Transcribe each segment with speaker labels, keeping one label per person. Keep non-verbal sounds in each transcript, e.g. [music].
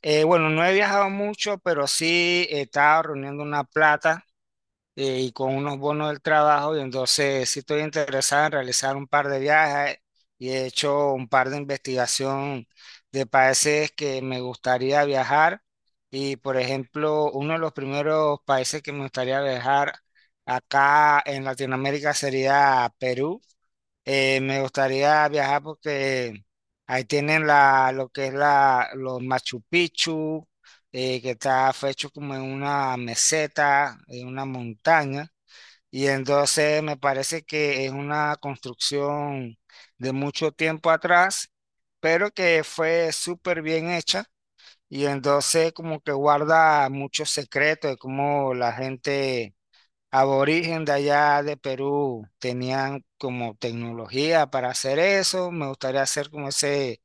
Speaker 1: Bueno, no he viajado mucho, pero sí he estado reuniendo una plata y con unos bonos del trabajo, y entonces sí estoy interesado en realizar un par de viajes y he hecho un par de investigación de países que me gustaría viajar. Y por ejemplo, uno de los primeros países que me gustaría viajar acá en Latinoamérica sería Perú. Me gustaría viajar porque ahí tienen la, lo que es la, los Machu Picchu, que está hecho como en una meseta, en una montaña. Y entonces me parece que es una construcción de mucho tiempo atrás, pero que fue súper bien hecha. Y entonces como que guarda muchos secretos de cómo la gente aborigen de allá de Perú tenían como tecnología para hacer eso. Me gustaría hacer como ese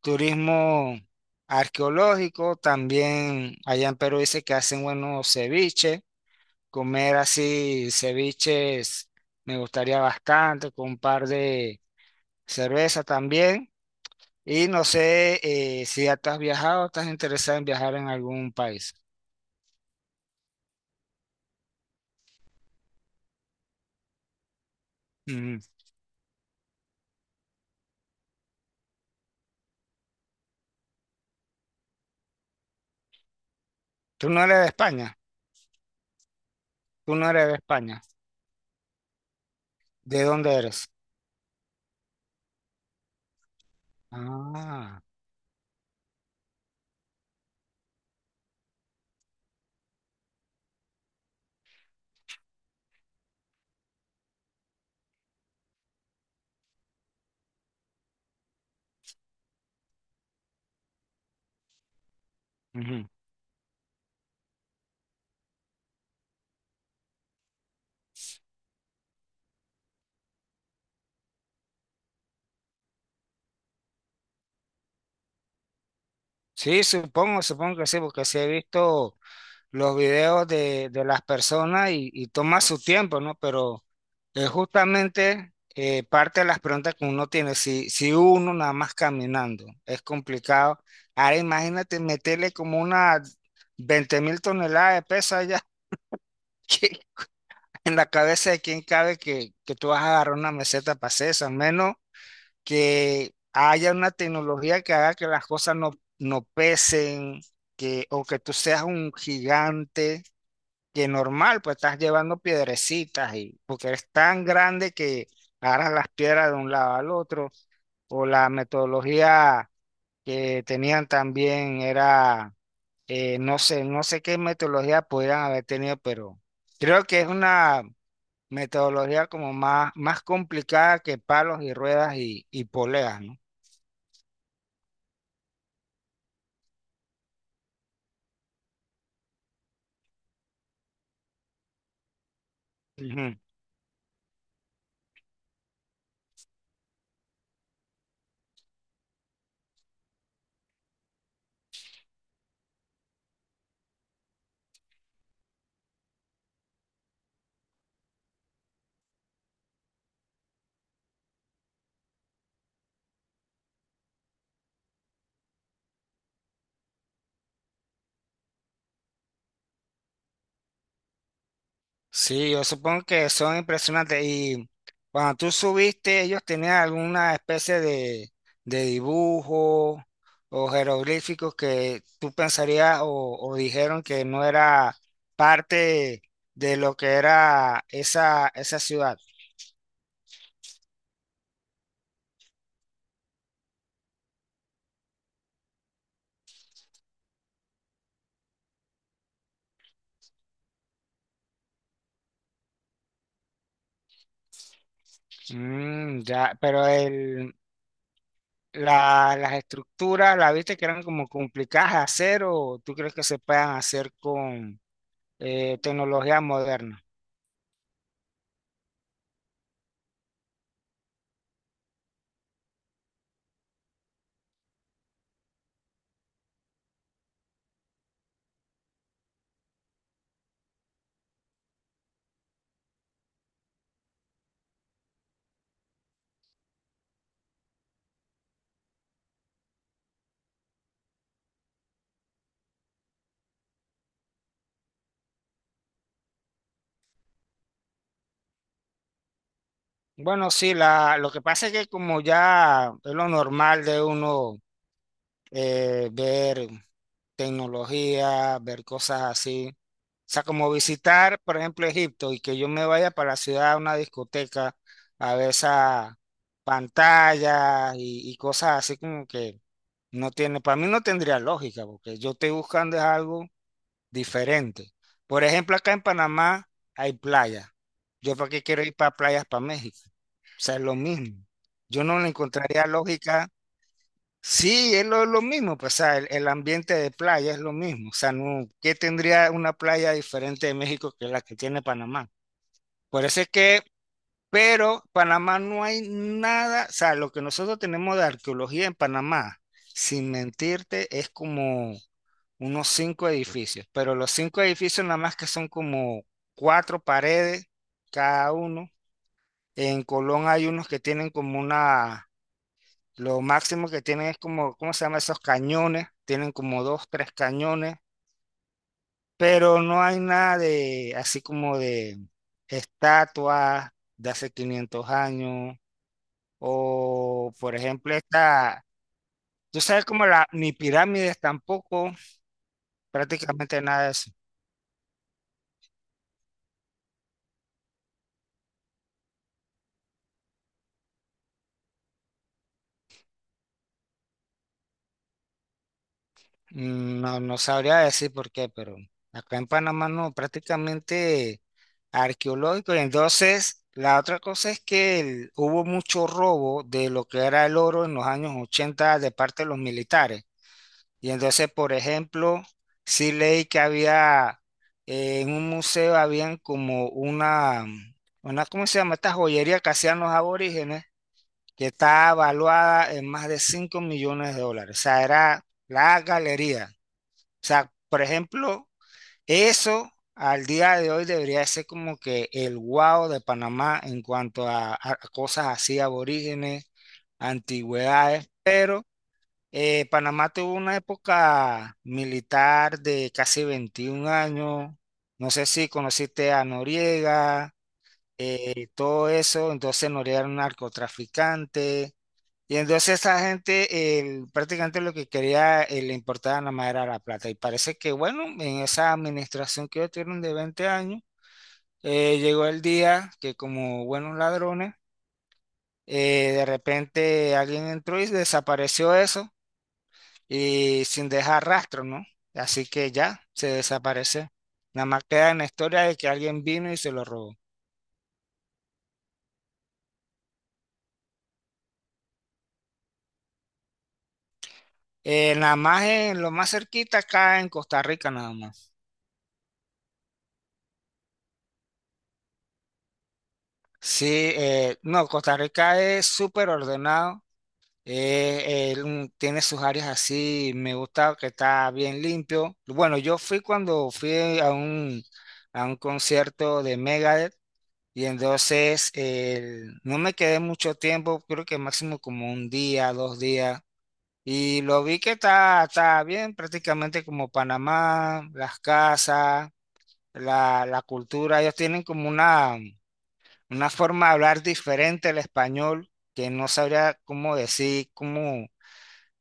Speaker 1: turismo arqueológico. También allá en Perú dice que hacen buenos ceviches. Comer así ceviches me gustaría bastante, con un par de cerveza también. Y no sé, si ya tú has viajado, estás interesado en viajar en algún país. Ujú. Tú no eres de España, tú no eres de España. ¿De dónde eres? Ah, ujú. Sí, supongo, supongo que sí, porque sí he visto los videos de las personas, y toma su tiempo, ¿no? Pero es justamente, parte de las preguntas que uno tiene. Si uno nada más caminando es complicado, ahora imagínate meterle como unas 20.000 toneladas de peso allá [laughs] que- en la cabeza de quién cabe que tú vas a agarrar una meseta para hacer eso, al menos. Que haya una tecnología que haga que las cosas no pesen, o que tú seas un gigante, que normal, pues estás llevando piedrecitas y porque eres tan grande que agarras las piedras de un lado al otro, o la metodología que tenían también era, no sé, no sé qué metodología podían haber tenido, pero creo que es una metodología como más, más complicada que palos y ruedas y poleas, ¿no? Ujú. Sí, yo supongo que son impresionantes. Y cuando tú subiste, ellos tenían alguna especie de dibujo o jeroglíficos que tú pensarías, o dijeron que no era parte de lo que era esa ciudad. Mm, ya, pero las estructuras, ¿la viste que eran como complicadas de hacer o tú crees que se puedan hacer con tecnología moderna? Bueno, sí, lo que pasa es que como ya es lo normal de uno, ver tecnología, ver cosas así, o sea, como visitar, por ejemplo, Egipto, y que yo me vaya para la ciudad a una discoteca a ver esas pantallas y cosas así como que no tiene, para mí no tendría lógica, porque yo estoy buscando es algo diferente. Por ejemplo, acá en Panamá hay playa. ¿Yo para qué quiero ir para playas para México? O sea, es lo mismo. Yo no le encontraría lógica. Sí, es lo mismo, pues, o sea, el ambiente de playa es lo mismo. O sea, no, ¿qué tendría una playa diferente de México que la que tiene Panamá? Por eso es que, pero Panamá no hay nada, o sea, lo que nosotros tenemos de arqueología en Panamá, sin mentirte, es como unos cinco edificios, pero los cinco edificios nada más que son como cuatro paredes cada uno. En Colón hay unos que tienen como una, lo máximo que tienen es como, ¿cómo se llama? Esos cañones, tienen como dos, tres cañones, pero no hay nada de, así como de estatuas de hace 500 años, o por ejemplo tú sabes como la, ni pirámides tampoco, prácticamente nada de eso. Mm, no, no sabría decir por qué, pero acá en Panamá no, prácticamente arqueológico. Y entonces, la otra cosa es que hubo mucho robo de lo que era el oro en los años 80 de parte de los militares. Y entonces, por ejemplo, sí leí que había, en un museo habían como una, ¿cómo se llama? Esta joyería que hacían los aborígenes, que está evaluada en más de 5 millones de dólares. O sea, era la galería. O sea, por ejemplo, eso al día de hoy debería ser como que el wow de Panamá en cuanto a cosas así, aborígenes, antigüedades, pero Panamá tuvo una época militar de casi 21 años. No sé si conociste a Noriega. Todo eso, entonces Noriega era un narcotraficante. Y entonces esa gente prácticamente lo que quería, le importaba nada más era la plata. Y parece que, bueno, en esa administración que ellos tuvieron de 20 años, llegó el día que como buenos ladrones, de repente alguien entró y desapareció eso y sin dejar rastro, ¿no? Así que ya se desaparece. Nada más queda en la historia de que alguien vino y se lo robó. Nada más en lo más cerquita acá en Costa Rica, nada más. Sí, no, Costa Rica es súper ordenado, tiene sus áreas así, me gusta que está bien limpio. Bueno, yo fui cuando fui a un concierto de Megadeth, y entonces no me quedé mucho tiempo, creo que máximo como un día, 2 días, y lo vi que está, está bien, prácticamente como Panamá, las casas, la cultura, ellos tienen como una forma de hablar diferente al español que no sabría cómo decir, cómo,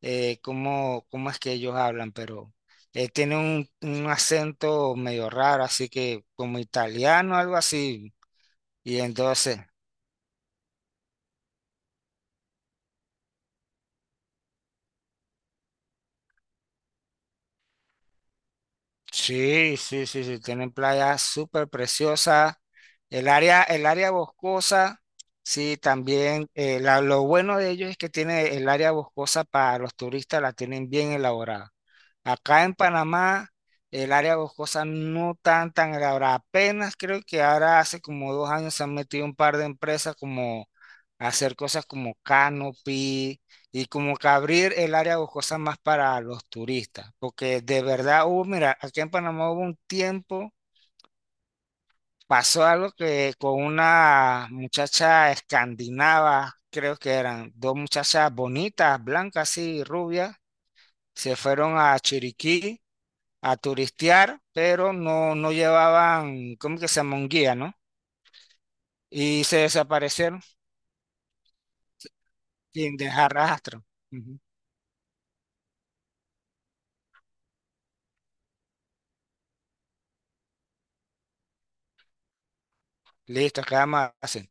Speaker 1: eh, cómo, cómo es que ellos hablan, pero tiene un acento medio raro, así que como italiano, algo así. Y entonces. Sí, sí, sí, sí, tienen playas súper preciosas. El área boscosa, sí, también. Lo bueno de ellos es que tiene el área boscosa para los turistas, la tienen bien elaborada. Acá en Panamá, el área boscosa no tan, tan elaborada. Apenas creo que ahora hace como 2 años se han metido un par de empresas como a hacer cosas como canopy y como que abrir el área boscosa más para los turistas, porque de verdad hubo, mira, aquí en Panamá hubo un tiempo, pasó algo que con una muchacha escandinava, creo que eran dos muchachas bonitas, blancas y rubias, se fueron a Chiriquí a turistear, pero no, no llevaban, ¿cómo que se llama? Un guía, ¿no? Y se desaparecieron sin dejar rastro. Ujú. Listo, quedamos así.